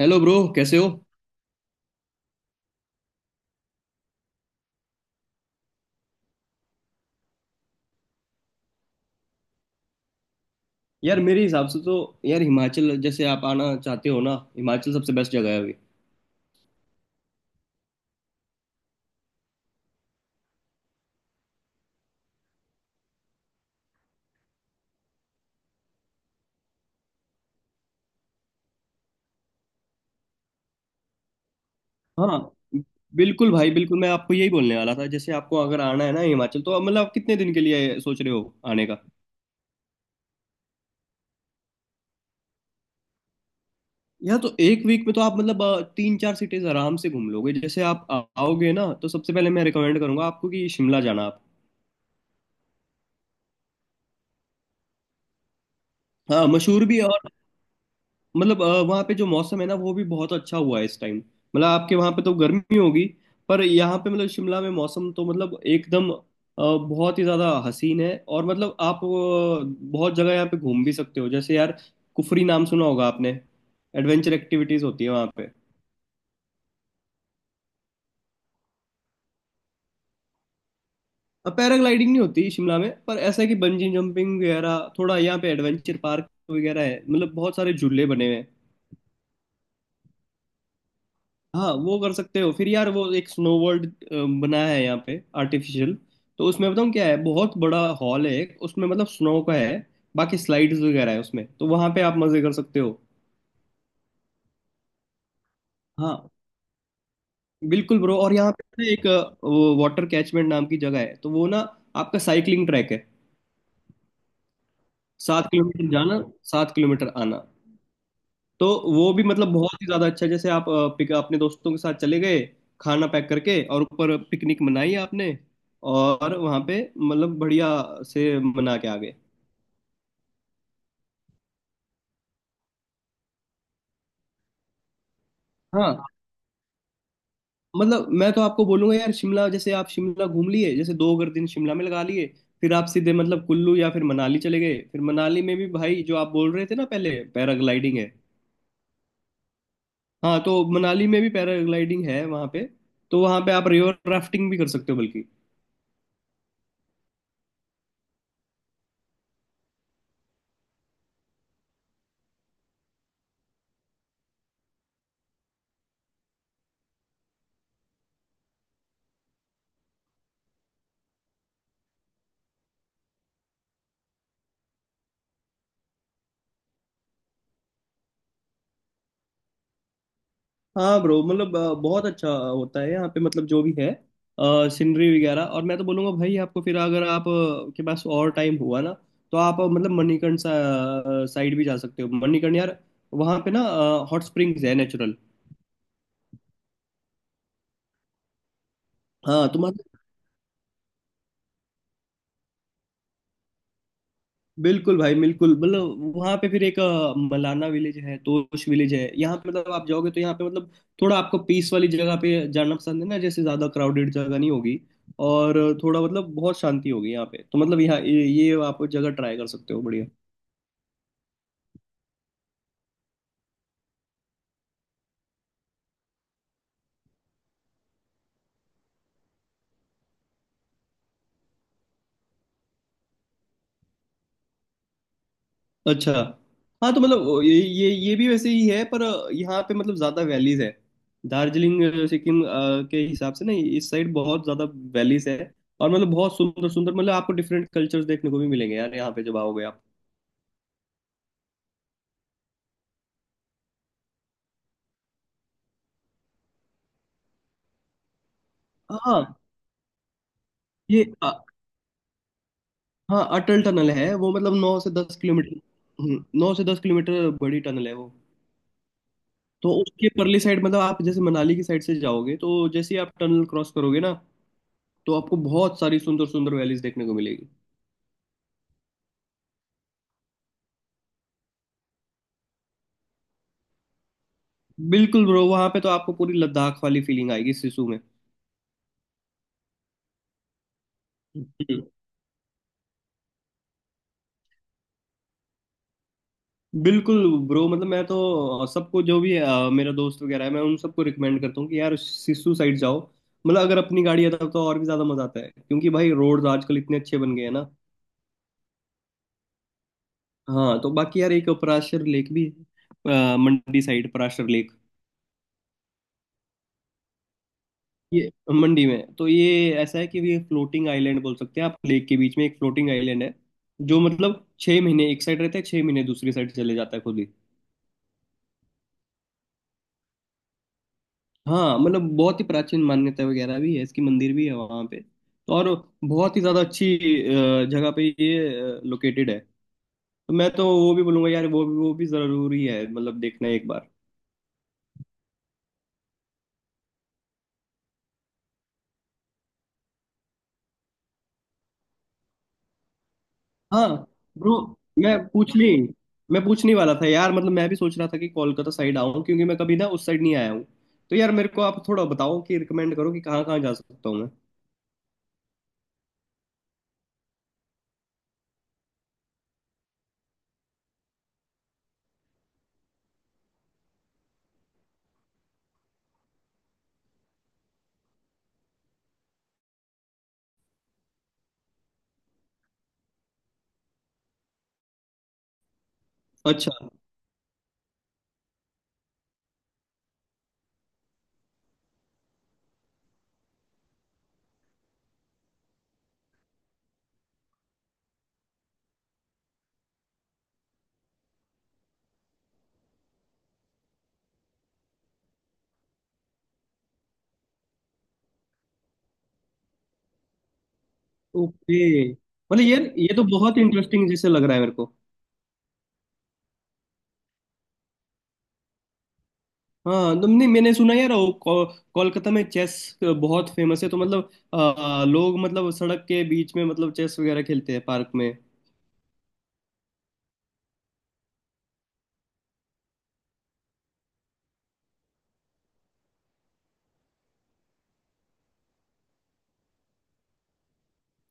Hello bro, कैसे हो? यार, मेरे हिसाब से तो। यार, हिमाचल जैसे आप आना चाहते हो ना, हिमाचल सबसे बेस्ट जगह है अभी। हाँ, बिल्कुल भाई बिल्कुल, मैं आपको यही बोलने वाला था। जैसे आपको अगर आना है ना हिमाचल, तो आप मतलब कितने दिन के लिए सोच रहे हो आने का? या तो एक वीक में तो आप मतलब तीन चार सिटीज आराम से घूम लोगे। जैसे आप आओगे ना, तो सबसे पहले मैं रिकमेंड करूंगा आपको कि शिमला जाना आप। हाँ, मशहूर भी है। और मतलब वहाँ पे जो मौसम है ना, वो भी बहुत अच्छा हुआ है इस टाइम, मतलब आपके वहाँ पे तो गर्मी होगी। पर यहाँ पे मतलब शिमला में मौसम तो मतलब एकदम बहुत ही ज़्यादा हसीन है। और मतलब आप बहुत जगह यहाँ पे घूम भी सकते हो, जैसे यार कुफरी नाम सुना होगा आपने? एडवेंचर एक्टिविटीज़ होती है वहाँ पे। पैराग्लाइडिंग नहीं होती शिमला में, पर ऐसा है कि बंजी जंपिंग वगैरह थोड़ा यहाँ पे एडवेंचर पार्क वगैरह है, मतलब बहुत सारे झूले बने हुए हैं। हाँ, वो कर सकते हो। फिर यार, वो एक स्नो वर्ल्ड बना है यहाँ पे, आर्टिफिशियल। तो उसमें बताऊँ क्या है, बहुत बड़ा हॉल है एक उसमें, मतलब स्नो का है। बाकी स्लाइड्स वगैरह है उसमें, तो वहाँ पे आप मजे कर सकते हो। हाँ, बिल्कुल ब्रो। और यहाँ पे ना एक वो वाटर कैचमेंट नाम की जगह है, तो वो ना आपका साइकिलिंग ट्रैक है। 7 किलोमीटर जाना, 7 किलोमीटर आना। तो वो भी मतलब बहुत ही ज्यादा अच्छा है। जैसे आप पिक अपने दोस्तों के साथ चले गए, खाना पैक करके, और ऊपर पिकनिक मनाई आपने, और वहां पे मतलब बढ़िया से मना के आ गए। हाँ, मतलब मैं तो आपको बोलूंगा यार, शिमला, जैसे आप शिमला घूम लिए, जैसे दो अगर दिन शिमला में लगा लिए, फिर आप सीधे मतलब कुल्लू या फिर मनाली चले गए। फिर मनाली में भी, भाई, जो आप बोल रहे थे ना पहले, पैराग्लाइडिंग है। हाँ, तो मनाली में भी पैराग्लाइडिंग है वहां पे, तो वहां पे आप रिवर राफ्टिंग भी कर सकते हो बल्कि। हाँ ब्रो, मतलब बहुत अच्छा होता है यहाँ पे, मतलब जो भी है, सीनरी वगैरह। और मैं तो बोलूँगा भाई आपको, फिर अगर आप के पास और टाइम हुआ ना, तो आप मतलब मणिकर्ण साइड भी जा सकते हो। मणिकर्ण यार, वहाँ पे ना हॉट स्प्रिंग्स है, नेचुरल। हाँ तुम्हारा। बिल्कुल भाई बिल्कुल, मतलब वहाँ पे फिर एक मलाना विलेज है, तोश विलेज है यहाँ पे। मतलब आप जाओगे, तो यहाँ पे मतलब थोड़ा आपको पीस वाली जगह पे जाना पसंद है ना, जैसे ज्यादा क्राउडेड जगह नहीं होगी, और थोड़ा मतलब बहुत शांति होगी यहाँ पे, तो मतलब यहाँ ये आप जगह ट्राई कर सकते हो बढ़िया। अच्छा। हाँ, तो मतलब ये भी वैसे ही है, पर यहाँ पे मतलब ज्यादा वैलीज है। दार्जिलिंग सिक्किम के हिसाब से ना, इस साइड बहुत ज्यादा वैलीज है। और मतलब बहुत सुंदर सुंदर, मतलब आपको डिफरेंट कल्चर्स देखने को भी मिलेंगे यार यहाँ पे जब आओगे आप। हाँ, ये अ- हाँ, अटल टनल है वो, मतलब 9 से 10 किलोमीटर। हम्म। 9 से 10 किलोमीटर बड़ी टनल है वो। तो उसके परली साइड, मतलब आप जैसे मनाली की साइड से जाओगे, तो जैसे ही आप टनल क्रॉस करोगे ना, तो आपको बहुत सारी सुंदर सुंदर वैलीज देखने को मिलेगी। बिल्कुल ब्रो, वहां पे तो आपको पूरी लद्दाख वाली फीलिंग आएगी सिसु में। हम्म। बिल्कुल ब्रो, मतलब मैं तो सबको, जो भी मेरा दोस्त वगैरह है, मैं उन सबको रिकमेंड करता हूँ कि यार सिसु साइड जाओ। मतलब अगर अपनी गाड़ी है तब तो और भी ज्यादा मजा आता है, क्योंकि भाई रोड आजकल इतने अच्छे बन गए हैं ना। हाँ, तो बाकी यार एक पराशर लेक भी है, मंडी साइड, पराशर लेक। ये मंडी में, तो ये ऐसा है कि ये फ्लोटिंग आइलैंड बोल सकते हैं आप, लेक के बीच में एक फ्लोटिंग आइलैंड है, जो मतलब 6 महीने एक साइड रहता है, 6 महीने दूसरी साइड चले जाता है खुद ही। हाँ, मतलब बहुत ही प्राचीन मान्यता वगैरह भी है इसकी, मंदिर भी है वहाँ पे, तो और बहुत ही ज़्यादा अच्छी जगह पे ये लोकेटेड है। तो मैं तो वो भी बोलूँगा यार, वो भी ज़रूरी है, मतलब देखना एक बार। हाँ ब्रो, मैं पूछने मैं पूछने वाला था यार, मतलब मैं भी सोच रहा था कि कोलकाता साइड आऊँ, क्योंकि मैं कभी ना उस साइड नहीं आया हूँ। तो यार मेरे को आप थोड़ा बताओ, कि रिकमेंड करो कि कहाँ कहाँ जा सकता हूँ मैं। अच्छा। ओके। मतलब यार ये तो बहुत इंटरेस्टिंग जैसे लग रहा है मेरे को। हाँ, तुमने मैंने सुना यार वो कोलकाता में चेस बहुत फेमस है, तो मतलब लोग, मतलब सड़क के बीच में मतलब चेस वगैरह खेलते हैं पार्क में।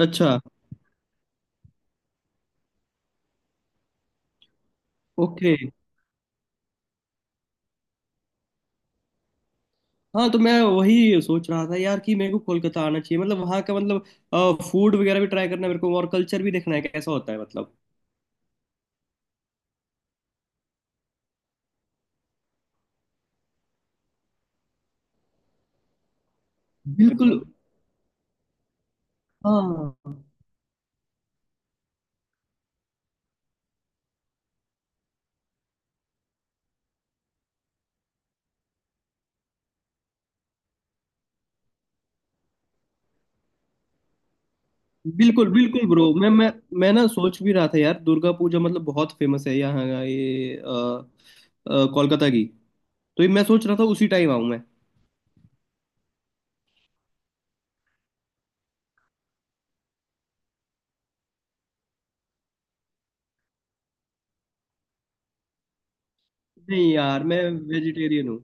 अच्छा। ओके। हाँ, तो मैं वही सोच रहा था यार कि मेरे को कोलकाता आना चाहिए, मतलब वहाँ का मतलब फूड वगैरह भी ट्राई करना है मेरे को, और कल्चर भी देखना है कैसा होता है मतलब। बिल्कुल बिल्कुल। हाँ। बिल्कुल बिल्कुल ब्रो, मैं ना सोच भी रहा था यार, दुर्गा पूजा मतलब बहुत फेमस है यहाँ का ये कोलकाता की। तो ये मैं सोच रहा था उसी टाइम आऊँ मैं। नहीं यार, मैं वेजिटेरियन हूँ।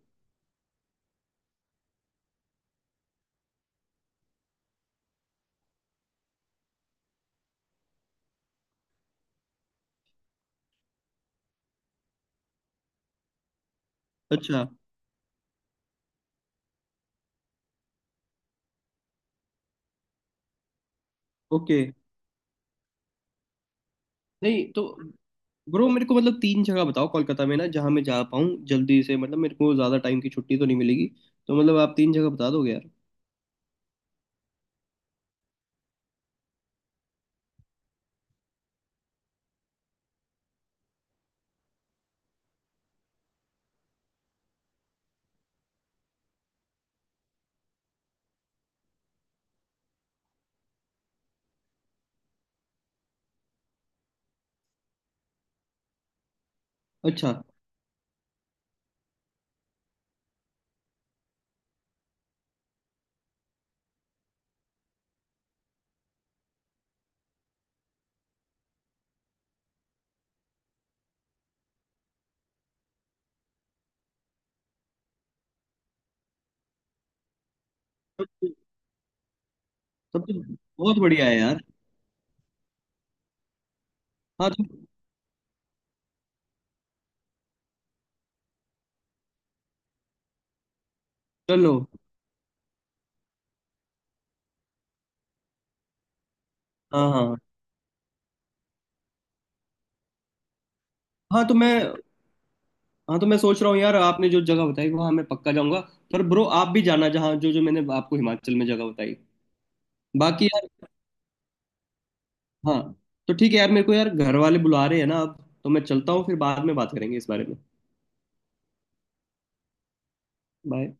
अच्छा। ओके। नहीं तो, ब्रो मेरे को मतलब तीन जगह बताओ कोलकाता में ना, जहाँ मैं जा पाऊँ जल्दी से, मतलब मेरे को ज़्यादा टाइम की छुट्टी तो नहीं मिलेगी। तो मतलब आप तीन जगह बता दोगे यार? अच्छा। तब तो तब तो बहुत बढ़िया है यार। हाँ तो, चलो, हाँ हाँ। हाँ तो मैं हाँ तो मैं सोच रहा हूँ यार, आपने जो जगह बताई वहाँ मैं पक्का जाऊँगा। पर ब्रो, आप भी जाना जहाँ जो जो मैंने आपको हिमाचल में जगह बताई। बाकी यार। हाँ, तो ठीक है यार। मेरे को यार घर वाले बुला रहे हैं ना अब, तो मैं चलता हूँ, फिर बाद में बात करेंगे इस बारे में। बाय।